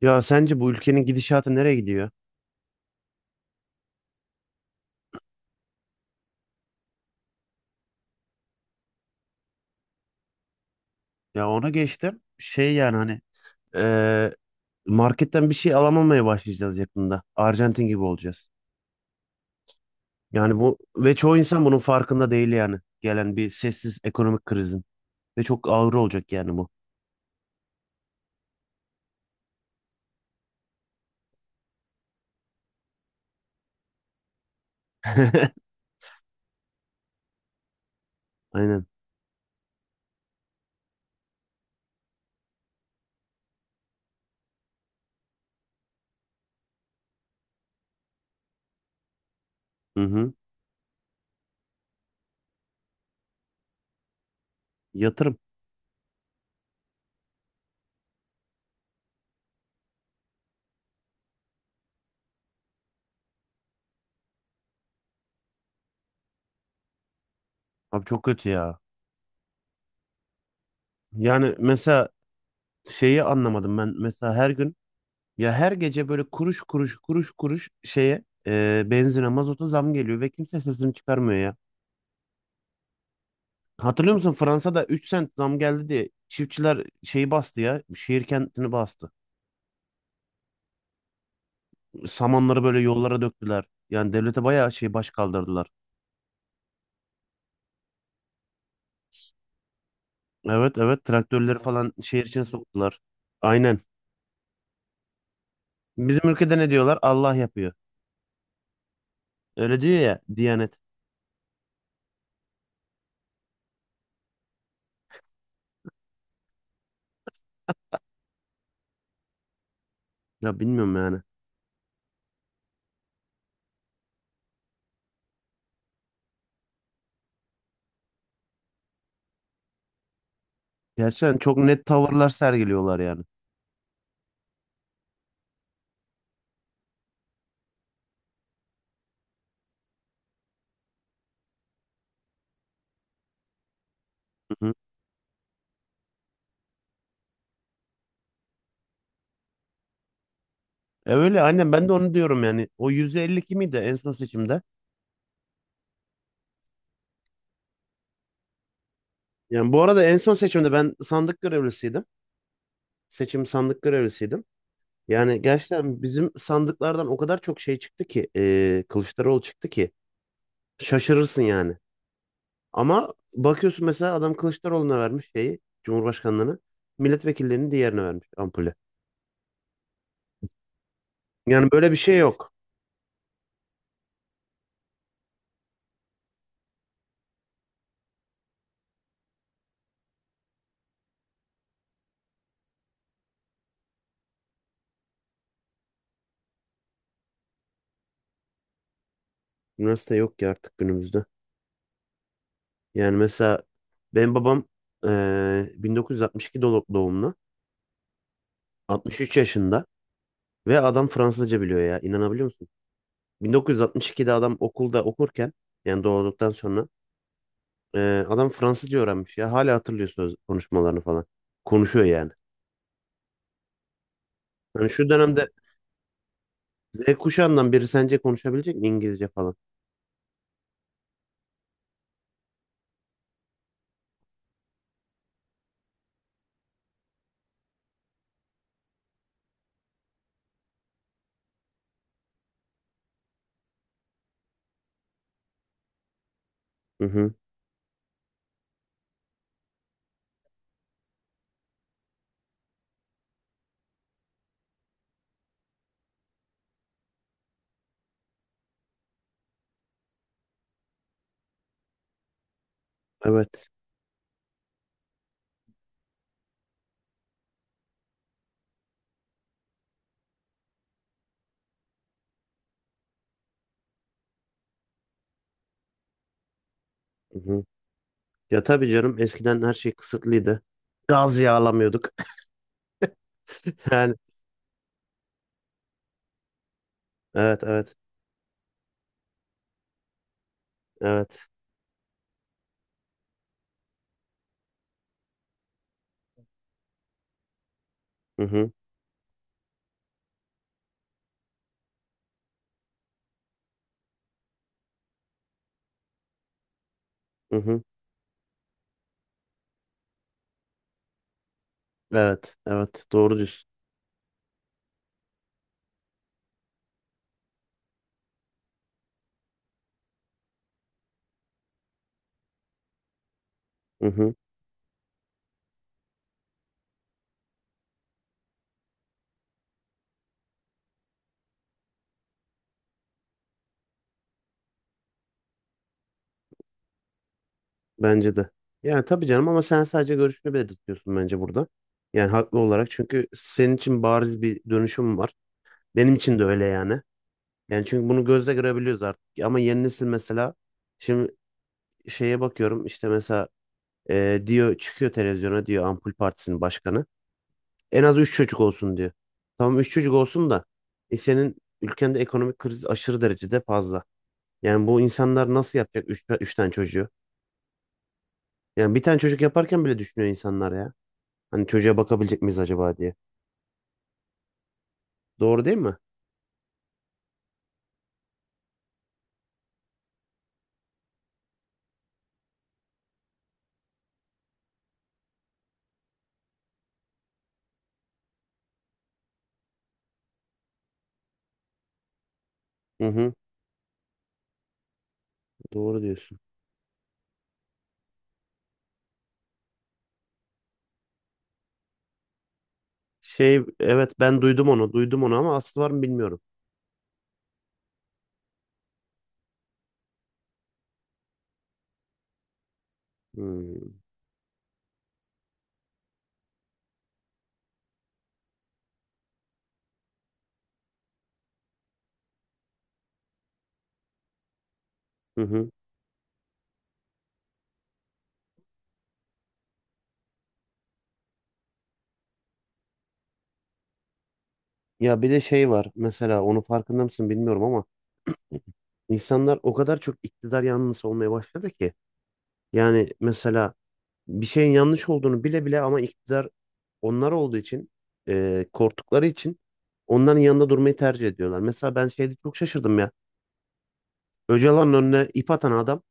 Ya sence bu ülkenin gidişatı nereye gidiyor? Ya ona geçtim. Şey yani hani eee, marketten bir şey alamamaya başlayacağız yakında. Arjantin gibi olacağız. Yani bu ve çoğu insan bunun farkında değil yani. Gelen bir sessiz ekonomik krizin. Ve çok ağır olacak yani bu. Aynen. Hı hı. Yatırım. Abi çok kötü ya. Yani mesela şeyi anlamadım ben. Mesela her gün ya her gece böyle kuruş kuruş kuruş kuruş şeye benzine mazota zam geliyor ve kimse sesini çıkarmıyor ya. Hatırlıyor musun Fransa'da 3 sent zam geldi diye çiftçiler şeyi bastı ya. Şehir kentini bastı. Samanları böyle yollara döktüler. Yani devlete bayağı şey baş kaldırdılar. Evet, evet, traktörleri. Evet, falan şehir içine soktular. Aynen. Bizim ülkede ne diyorlar? Allah yapıyor. Öyle diyor ya Diyanet. Ya bilmiyorum yani. Gerçekten çok net tavırlar sergiliyorlar yani. Hı hı. E öyle aynen ben de onu diyorum yani. O %52 miydi en son seçimde? Yani bu arada en son seçimde ben sandık görevlisiydim. Seçim sandık görevlisiydim. Yani gerçekten bizim sandıklardan o kadar çok şey çıktı ki Kılıçdaroğlu çıktı ki şaşırırsın yani. Ama bakıyorsun mesela adam Kılıçdaroğlu'na vermiş şeyi Cumhurbaşkanlığını, milletvekillerinin diğerine vermiş ampulü. Yani böyle bir şey yok. Üniversite yok ki artık günümüzde. Yani mesela benim babam 1962 doğumlu, 63 yaşında ve adam Fransızca biliyor ya, inanabiliyor musun? 1962'de adam okulda okurken, yani doğduktan sonra adam Fransızca öğrenmiş ya. Hala hatırlıyor söz konuşmalarını falan. Konuşuyor yani. Hani şu dönemde Z kuşağından biri sence konuşabilecek mi İngilizce falan? Hı hı. Evet. Hı hı. Ya tabii canım, eskiden her şey kısıtlıydı. Gaz yağlamıyorduk. Yani evet, evet, evet. Hı hı. Hı hı. Evet, evet, doğru diyorsun. Hı hı. Bence de. Yani tabii canım, ama sen sadece görüşünü belirtiyorsun bence burada. Yani haklı olarak, çünkü senin için bariz bir dönüşüm var. Benim için de öyle yani. Yani çünkü bunu gözle görebiliyoruz artık. Ama yeni nesil mesela, şimdi şeye bakıyorum işte, mesela diyor, çıkıyor televizyona, diyor Ampul Partisi'nin başkanı. En az 3 çocuk olsun diyor. Tamam, 3 çocuk olsun da senin ülkende ekonomik kriz aşırı derecede fazla. Yani bu insanlar nasıl yapacak üç tane çocuğu? Yani bir tane çocuk yaparken bile düşünüyor insanlar ya. Hani çocuğa bakabilecek miyiz acaba diye. Doğru değil mi? Hı hı, doğru diyorsun. Şey, evet ben duydum onu, ama aslı var mı bilmiyorum. Hmm, hı hı. Ya bir de şey var mesela, onu farkında mısın bilmiyorum ama, insanlar o kadar çok iktidar yanlısı olmaya başladı ki. Yani mesela bir şeyin yanlış olduğunu bile bile, ama iktidar onlar olduğu için, korktukları için onların yanında durmayı tercih ediyorlar. Mesela ben şeyde çok şaşırdım ya. Öcalan'ın önüne ip atan adam,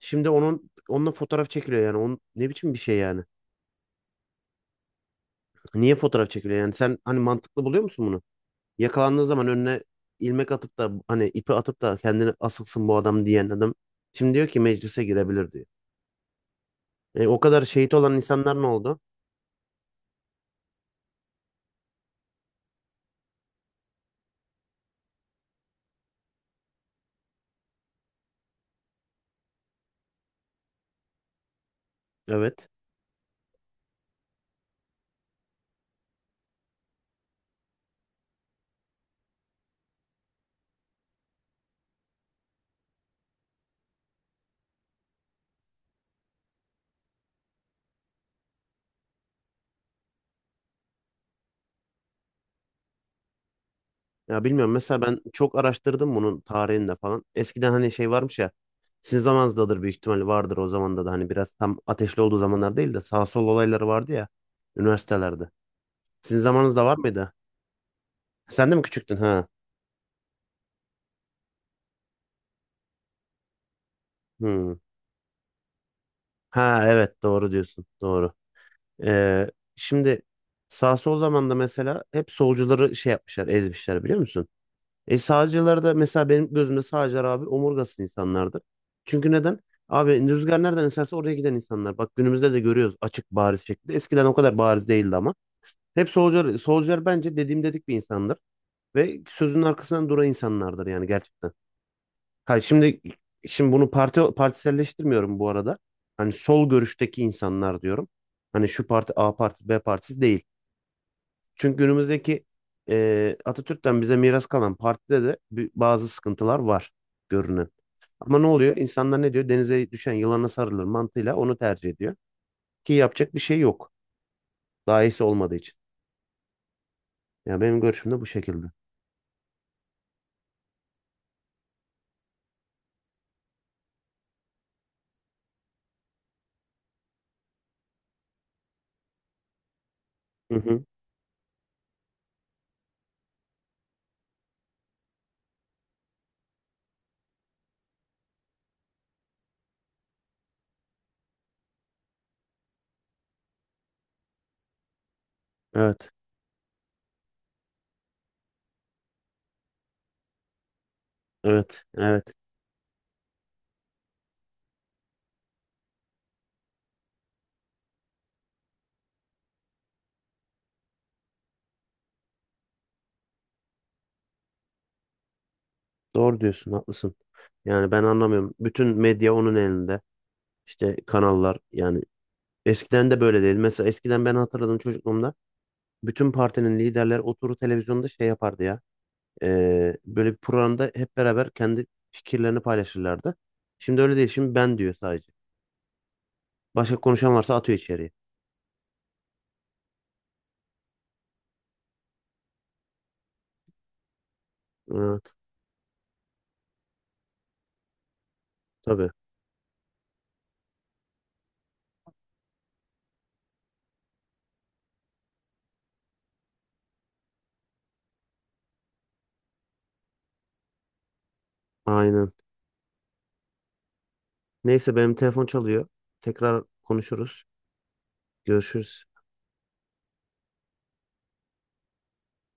şimdi onunla fotoğraf çekiliyor yani. Onun, ne biçim bir şey yani? Niye fotoğraf çekiliyor yani? Sen hani mantıklı buluyor musun bunu? Yakalandığı zaman önüne ilmek atıp da, hani ipi atıp da kendini asılsın bu adam diyen adam, şimdi diyor ki meclise girebilir diyor. E, o kadar şehit olan insanlar ne oldu? Evet. Ya bilmiyorum, mesela ben çok araştırdım bunun tarihini de falan. Eskiden hani şey varmış ya. Sizin zamanınızdadır büyük ihtimalle, vardır o zamanda da, hani biraz tam ateşli olduğu zamanlar değil de, sağ sol olayları vardı ya üniversitelerde. Sizin zamanınızda var mıydı? Sen de mi küçüktün ha? Hmm. Ha evet, doğru diyorsun. Doğru. Ee, şimdi sağ sol zamanda mesela hep solcuları şey yapmışlar, ezmişler, biliyor musun? E sağcılar da mesela, benim gözümde sağcılar abi omurgasız insanlardır. Çünkü neden? Abi rüzgar nereden eserse oraya giden insanlar. Bak günümüzde de görüyoruz açık bariz şekilde. Eskiden o kadar bariz değildi ama. Hep solcular, solcular bence dediğim dedik bir insandır. Ve sözünün arkasından duran insanlardır yani, gerçekten. Hayır şimdi bunu parti partiselleştirmiyorum bu arada. Hani sol görüşteki insanlar diyorum. Hani şu parti A partisi, B partisi değil. Çünkü günümüzdeki Atatürk'ten bize miras kalan partide de bazı sıkıntılar var görünen. Ama ne oluyor? İnsanlar ne diyor? Denize düşen yılana sarılır mantığıyla onu tercih ediyor. Ki yapacak bir şey yok. Daha iyisi olmadığı için. Ya benim görüşüm de bu şekilde. Hı hı. Evet. Evet. Evet. Doğru diyorsun. Haklısın. Yani ben anlamıyorum. Bütün medya onun elinde. İşte kanallar yani, eskiden de böyle değil. Mesela eskiden, ben hatırladım çocukluğumda, bütün partinin liderleri oturur televizyonda şey yapardı ya. Böyle bir programda hep beraber kendi fikirlerini paylaşırlardı. Şimdi öyle değil. Şimdi ben diyor sadece. Başka konuşan varsa atıyor içeriye. Evet, tabii. Aynen. Neyse, benim telefon çalıyor. Tekrar konuşuruz. Görüşürüz.